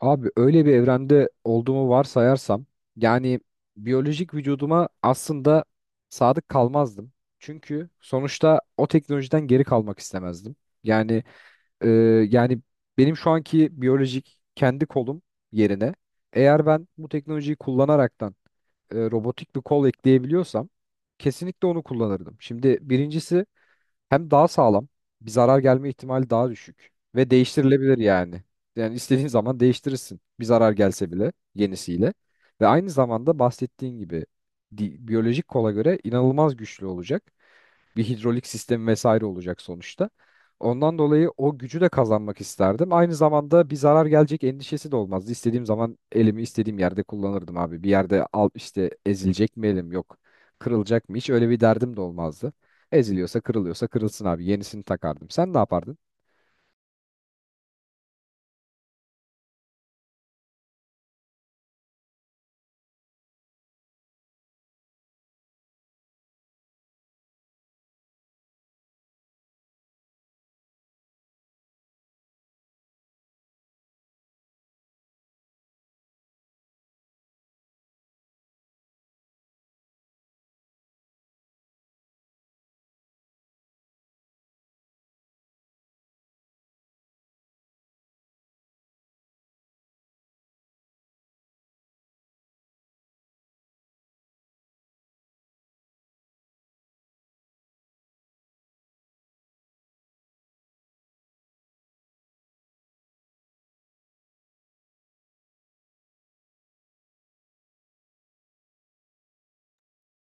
Abi öyle bir evrende olduğumu varsayarsam yani biyolojik vücuduma aslında sadık kalmazdım. Çünkü sonuçta o teknolojiden geri kalmak istemezdim. Yani e, yani benim şu anki biyolojik kendi kolum yerine eğer ben bu teknolojiyi kullanaraktan robotik bir kol ekleyebiliyorsam kesinlikle onu kullanırdım. Şimdi birincisi hem daha sağlam, bir zarar gelme ihtimali daha düşük ve değiştirilebilir yani. Yani istediğin zaman değiştirirsin. Bir zarar gelse bile yenisiyle. Ve aynı zamanda bahsettiğin gibi biyolojik kola göre inanılmaz güçlü olacak. Bir hidrolik sistemi vesaire olacak sonuçta. Ondan dolayı o gücü de kazanmak isterdim. Aynı zamanda bir zarar gelecek endişesi de olmazdı. İstediğim zaman elimi istediğim yerde kullanırdım abi. Bir yerde al işte ezilecek mi elim yok. Kırılacak mı hiç öyle bir derdim de olmazdı. Eziliyorsa kırılıyorsa kırılsın abi. Yenisini takardım. Sen ne yapardın?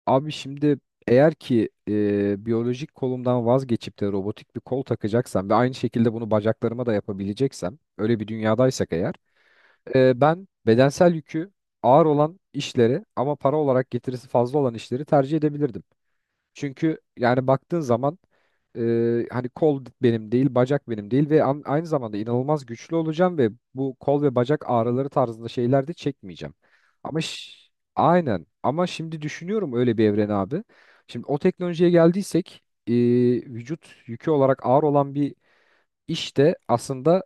Abi şimdi eğer ki biyolojik kolumdan vazgeçip de robotik bir kol takacaksam ve aynı şekilde bunu bacaklarıma da yapabileceksem öyle bir dünyadaysak eğer ben bedensel yükü ağır olan işleri ama para olarak getirisi fazla olan işleri tercih edebilirdim. Çünkü yani baktığın zaman e, hani kol benim değil, bacak benim değil ve aynı zamanda inanılmaz güçlü olacağım ve bu kol ve bacak ağrıları tarzında şeyler de çekmeyeceğim. Ama ş- aynen ama şimdi düşünüyorum öyle bir evren abi. Şimdi o teknolojiye geldiysek vücut yükü olarak ağır olan bir iş de aslında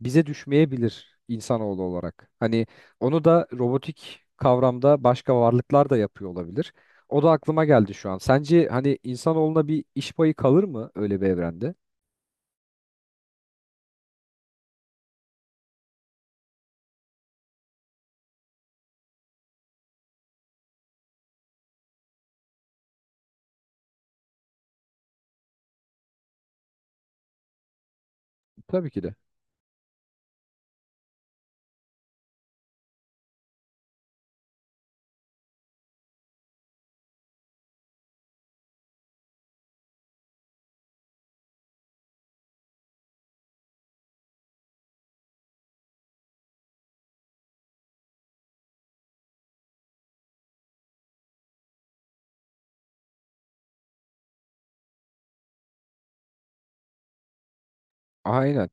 bize düşmeyebilir insanoğlu olarak. Hani onu da robotik kavramda başka varlıklar da yapıyor olabilir. O da aklıma geldi şu an. Sence hani insanoğluna bir iş payı kalır mı öyle bir evrende? Tabii ki de. Aynen.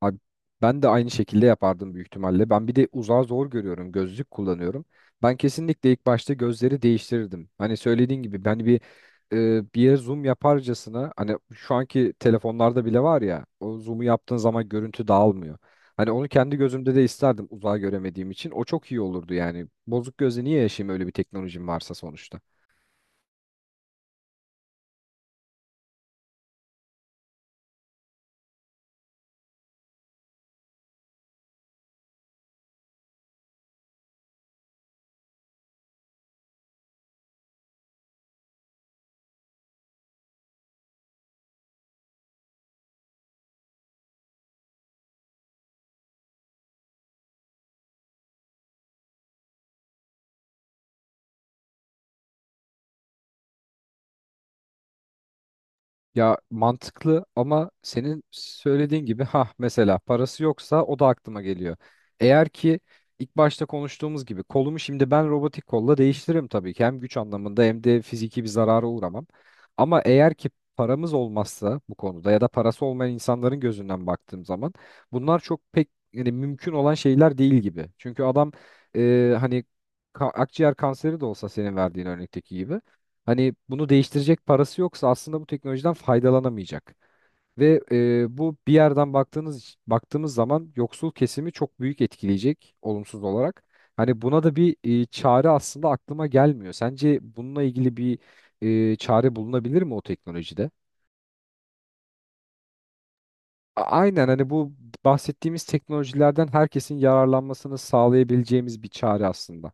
Abi ben de aynı şekilde yapardım büyük ihtimalle. Ben bir de uzağı zor görüyorum. Gözlük kullanıyorum. Ben kesinlikle ilk başta gözleri değiştirirdim. Hani söylediğin gibi ben bir bir yere zoom yaparcasına, hani şu anki telefonlarda bile var ya, o zoom'u yaptığın zaman görüntü dağılmıyor. Hani onu kendi gözümde de isterdim uzağı göremediğim için. O çok iyi olurdu yani. Bozuk gözle niye yaşayayım öyle bir teknolojim varsa sonuçta. Ya mantıklı ama senin söylediğin gibi ha mesela parası yoksa o da aklıma geliyor. Eğer ki ilk başta konuştuğumuz gibi kolumu şimdi ben robotik kolla değiştiririm tabii ki. Hem güç anlamında hem de fiziki bir zarara uğramam. Ama eğer ki paramız olmazsa bu konuda ya da parası olmayan insanların gözünden baktığım zaman bunlar çok pek yani mümkün olan şeyler değil gibi. Çünkü adam hani akciğer kanseri de olsa senin verdiğin örnekteki gibi hani bunu değiştirecek parası yoksa aslında bu teknolojiden faydalanamayacak. Ve bu bir yerden baktığımız zaman yoksul kesimi çok büyük etkileyecek olumsuz olarak. Hani buna da bir çare aslında aklıma gelmiyor. Sence bununla ilgili bir çare bulunabilir mi o teknolojide? Aynen, hani bu bahsettiğimiz teknolojilerden herkesin yararlanmasını sağlayabileceğimiz bir çare aslında.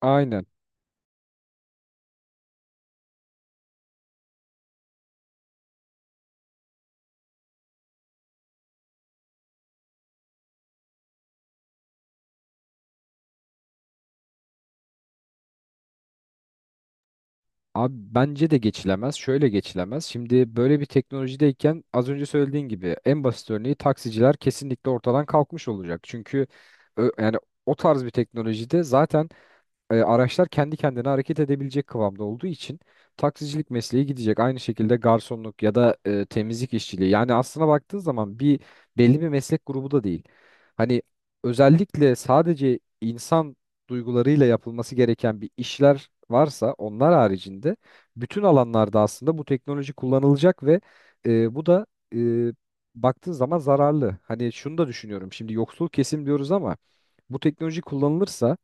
Aynen. Abi bence de geçilemez. Şöyle geçilemez. Şimdi böyle bir teknolojideyken az önce söylediğin gibi en basit örneği taksiciler kesinlikle ortadan kalkmış olacak. Çünkü yani o tarz bir teknolojide zaten araçlar kendi kendine hareket edebilecek kıvamda olduğu için taksicilik mesleği gidecek. Aynı şekilde garsonluk ya da temizlik işçiliği. Yani aslına baktığın zaman bir belli bir meslek grubu da değil. Hani özellikle sadece insan duygularıyla yapılması gereken bir işler varsa onlar haricinde bütün alanlarda aslında bu teknoloji kullanılacak ve bu da e, baktığın zaman zararlı. Hani şunu da düşünüyorum. Şimdi yoksul kesim diyoruz ama bu teknoloji kullanılırsa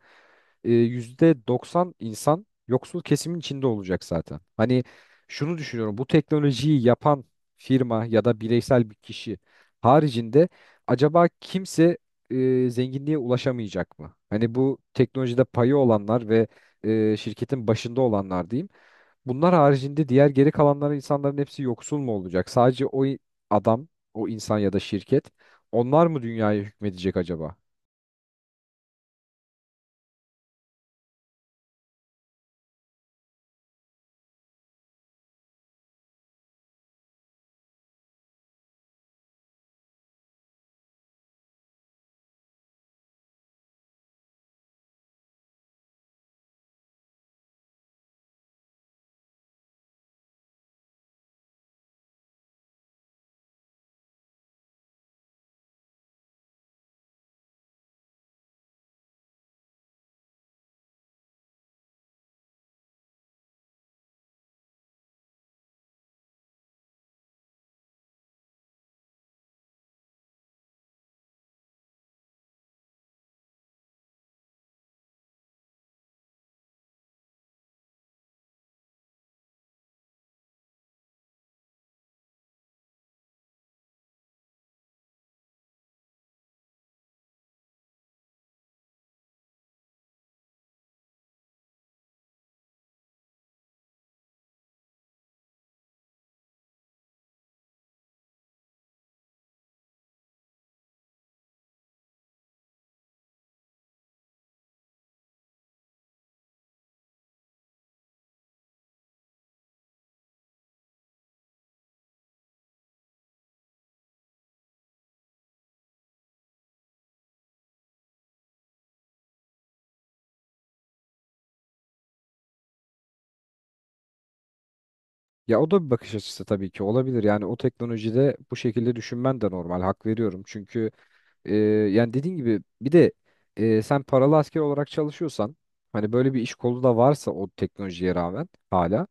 %90 insan yoksul kesimin içinde olacak zaten. Hani şunu düşünüyorum: bu teknolojiyi yapan firma ya da bireysel bir kişi haricinde acaba kimse zenginliğe ulaşamayacak mı? Hani bu teknolojide payı olanlar ve şirketin başında olanlar diyeyim. Bunlar haricinde diğer geri kalanların insanların hepsi yoksul mu olacak? Sadece o adam, o insan ya da şirket, onlar mı dünyaya hükmedecek acaba? Ya o da bir bakış açısı tabii ki olabilir. Yani o teknolojide bu şekilde düşünmen de normal. Hak veriyorum. Çünkü e, yani dediğin gibi bir de sen paralı asker olarak çalışıyorsan, hani böyle bir iş kolu da varsa o teknolojiye rağmen hala,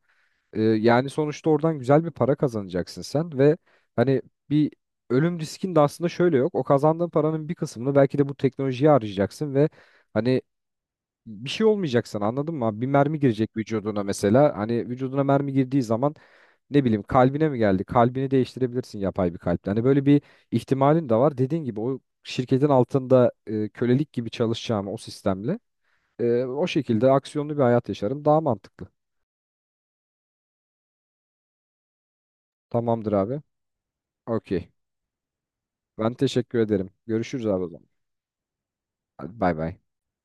yani sonuçta oradan güzel bir para kazanacaksın sen ve hani bir ölüm riskin de aslında şöyle yok. O kazandığın paranın bir kısmını belki de bu teknolojiye harcayacaksın ve hani bir şey olmayacak sana, anladın mı? Bir mermi girecek vücuduna mesela. Hani vücuduna mermi girdiği zaman ne bileyim kalbine mi geldi? Kalbini değiştirebilirsin yapay bir kalple. Hani böyle bir ihtimalin de var. Dediğin gibi o şirketin altında kölelik gibi çalışacağım o sistemle. O şekilde aksiyonlu bir hayat yaşarım. Daha mantıklı. Tamamdır abi. Okey. Ben teşekkür ederim. Görüşürüz abi o zaman. Hadi bay bay.